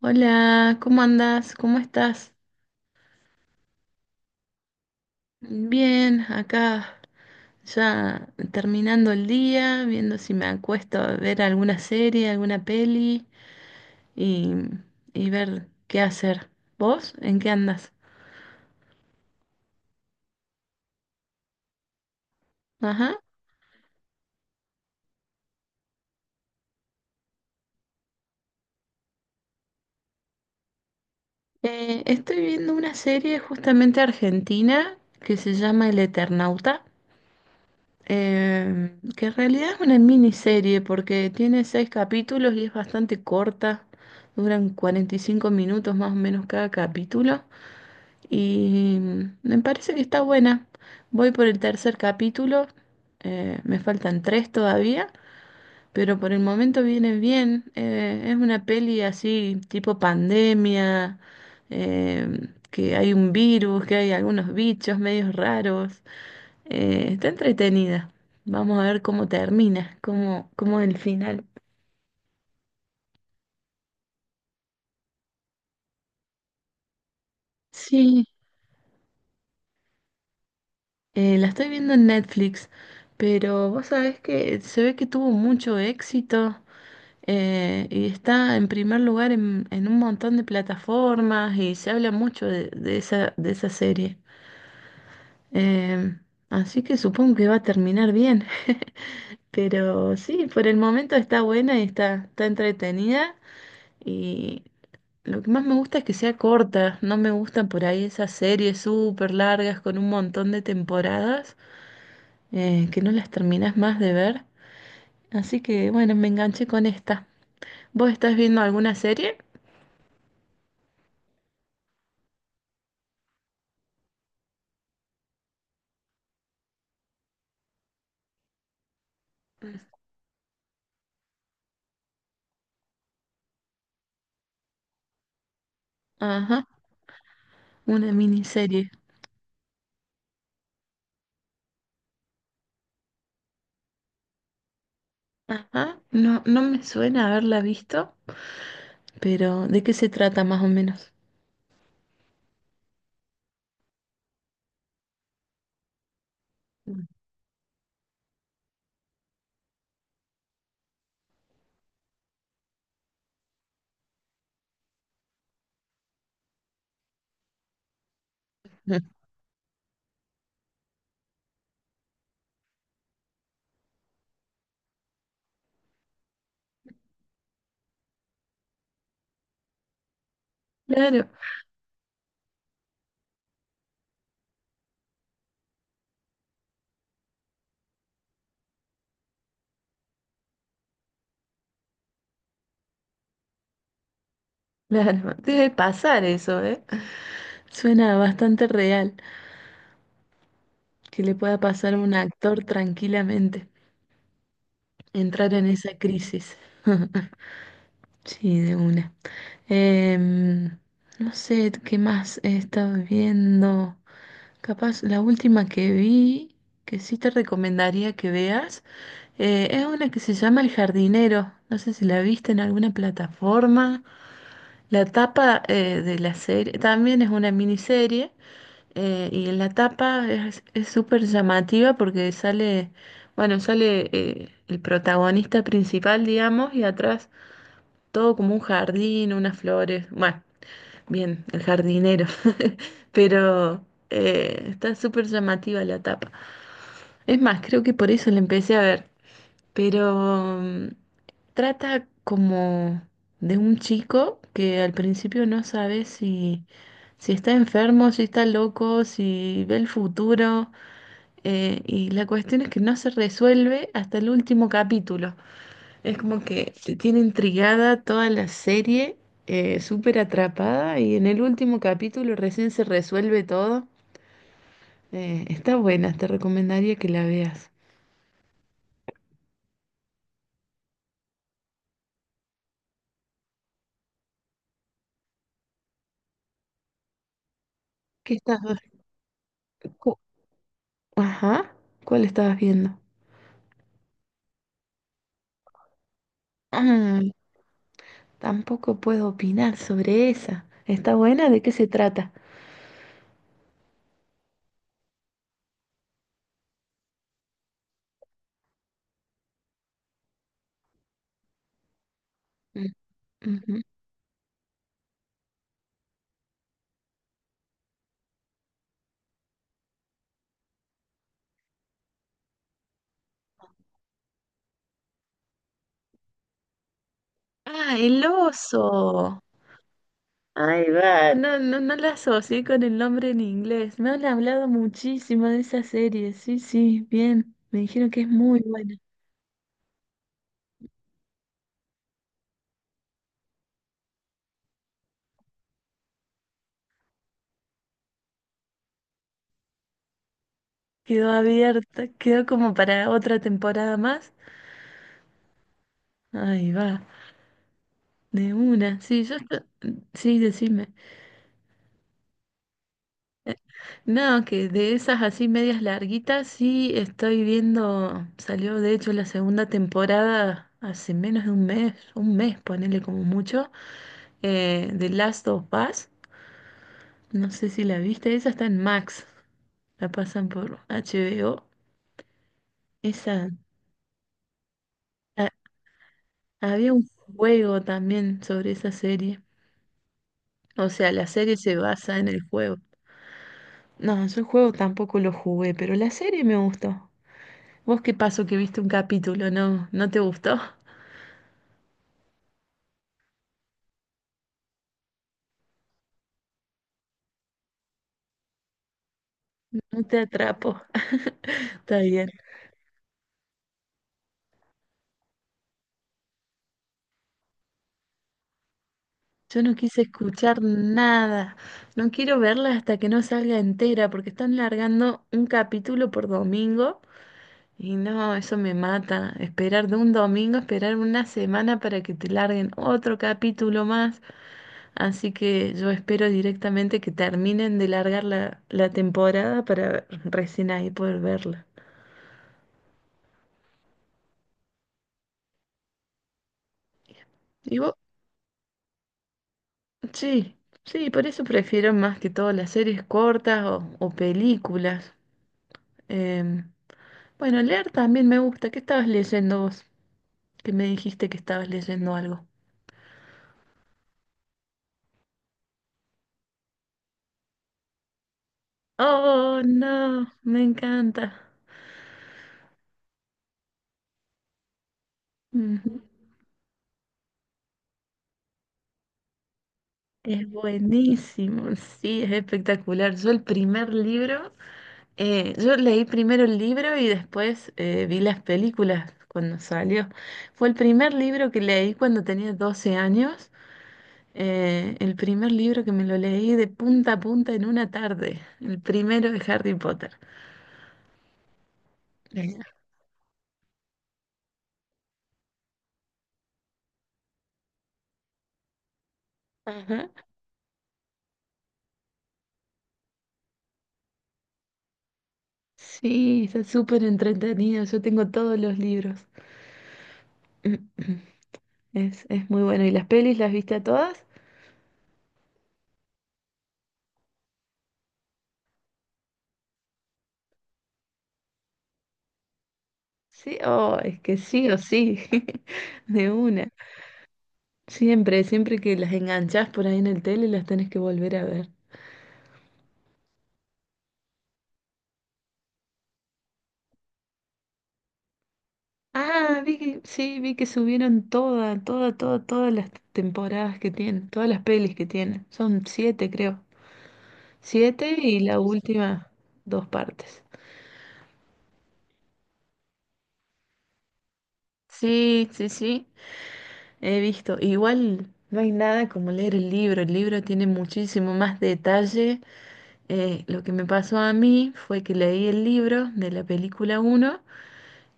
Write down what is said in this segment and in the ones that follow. Hola, ¿cómo andas? ¿Cómo estás? Bien, acá ya terminando el día, viendo si me acuesto a ver alguna serie, alguna peli y, y ver qué hacer. ¿Vos? ¿En qué andas? Ajá. Estoy viendo una serie justamente argentina que se llama El Eternauta, que en realidad es una miniserie porque tiene seis capítulos y es bastante corta, duran 45 minutos más o menos cada capítulo. Y me parece que está buena. Voy por el tercer capítulo. Me faltan tres todavía, pero por el momento viene bien. Es una peli así, tipo pandemia, eh, que hay un virus, que hay algunos bichos medios raros. Está entretenida. Vamos a ver cómo termina, cómo es el final. Sí, la estoy viendo en Netflix, pero vos sabés que se ve que tuvo mucho éxito. Y está en primer lugar en un montón de plataformas y se habla mucho de esa serie. Eh, Así que supongo que va a terminar bien. Pero sí, por el momento está buena y está, está entretenida. Y lo que más me gusta es que sea corta. No me gustan por ahí esas series súper largas con un montón de temporadas que no las terminas más de ver. Así que bueno, me enganché con esta. ¿Vos estás viendo alguna serie? Ajá. Una miniserie. Ajá. No, no me suena haberla visto, pero ¿de qué se trata más o menos? Ujú. Claro, claro. Debe pasar eso, ¿eh? Suena bastante real que le pueda pasar a un actor tranquilamente, entrar en esa crisis. Sí, de una. Em, no sé qué más he estado viendo. Capaz la última que vi, que sí te recomendaría que veas, es una que se llama El Jardinero. No sé si la viste en alguna plataforma. La tapa de la serie también es una miniserie y en la tapa es súper llamativa porque sale, bueno, sale el protagonista principal, digamos, y atrás todo como un jardín, unas flores. Bueno, bien, el jardinero. Pero está súper llamativa la tapa. Es más, creo que por eso la empecé a ver. Pero trata como de un chico que al principio no sabe si está enfermo, si está loco, si ve el futuro. Y la cuestión es que no se resuelve hasta el último capítulo. Es como que te tiene intrigada toda la serie, súper atrapada y en el último capítulo recién se resuelve todo. Está buena, te recomendaría que la veas. ¿Qué estás? cu- Ajá, ¿cuál estabas viendo? Ah, tampoco puedo opinar sobre esa. ¿Está buena? ¿De qué se trata? Mm, ujú. Ah, el oso. Ahí va, no, no, no la asocié con el nombre en inglés. Me han hablado muchísimo de esa serie. Sí, sí, bien. Me dijeron que es muy buena. Quedó abierta, quedó como para otra temporada más. Ahí va, de una. Sí, sí, decime. No, que de esas así medias larguitas, sí estoy viendo. Salió de hecho la segunda temporada hace menos de un mes, ponele como mucho, de Last of Us. No sé si la viste, esa está en Max, la pasan por HBO. Esa, ha- había un juego también sobre esa serie. O sea, la serie se basa en el juego. No, yo el juego tampoco lo jugué, pero la serie me gustó. ¿Vos qué pasó que viste un capítulo? ¿No, no te gustó? No te atrapo. Está bien. Yo no quise escuchar nada. No quiero verla hasta que no salga entera, porque están largando un capítulo por domingo. Y no, eso me mata. Esperar de un domingo, esperar una semana para que te larguen otro capítulo más. Así que yo espero directamente que terminen de largar la temporada para recién ahí poder verla. Y vos, sí, sí, por eso prefiero más que todo las series cortas o películas. Em, bueno, leer también me gusta. ¿Qué estabas leyendo vos? Que me dijiste que estabas leyendo algo. Oh, no, me encanta. Ujú. Es buenísimo, sí, es espectacular. Yo el primer libro, yo leí primero el libro y después vi las películas cuando salió. Fue el primer libro que leí cuando tenía 12 años, el primer libro que me lo leí de punta a punta en una tarde, el primero de Harry Potter. Eh, Ajá. Sí, está súper entretenido, yo tengo todos los libros. Es muy bueno. ¿Y las pelis las viste a todas? Sí, oh, es que sí o sí, de una. Siempre, siempre que las enganchás por ahí en el tele, las tenés que volver a ver. Ah, vi que, sí, vi que subieron todas las temporadas que tienen, todas las pelis que tienen. Son siete, creo. Siete y la última, dos partes. Sí, sí, sí, he visto. Igual no hay nada como leer el libro. El libro tiene muchísimo más detalle. Lo que me pasó a mí fue que leí el libro de la película uno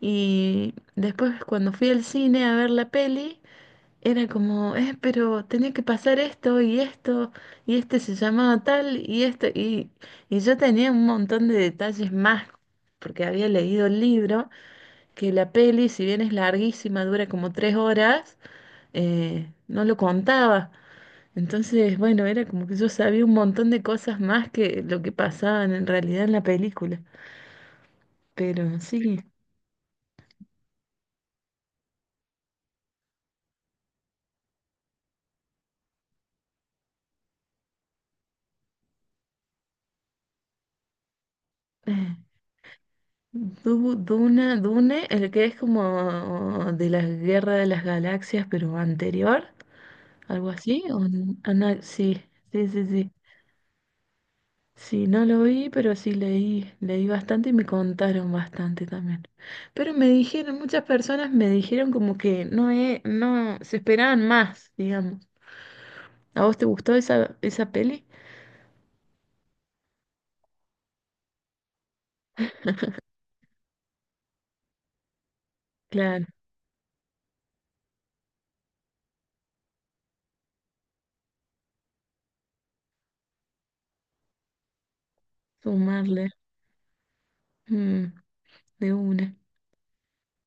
y después cuando fui al cine a ver la peli, era como, pero tenía que pasar esto y esto y este se llamaba tal y yo tenía un montón de detalles más porque había leído el libro, que la peli, si bien es larguísima, dura como tres horas, no lo contaba. Entonces, bueno, era como que yo sabía un montón de cosas más que lo que pasaban en realidad en la película. Pero sí, eh, Duna, Dune, el que es como de la Guerra de las Galaxias, pero anterior, algo así. Sí, sí. Sí, no lo vi, pero sí leí, leí bastante y me contaron bastante también. Pero me dijeron, muchas personas me dijeron como que no, no se esperaban más, digamos. ¿A vos te gustó esa peli? Claro, sumarle mm, de una.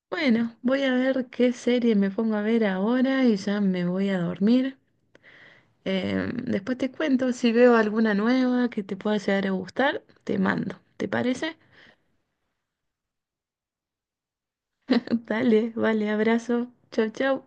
Bueno, voy a ver qué serie me pongo a ver ahora y ya me voy a dormir. Después te cuento si veo alguna nueva que te pueda llegar a gustar, te mando. ¿Te parece? Dale, vale, abrazo. Chau, chau.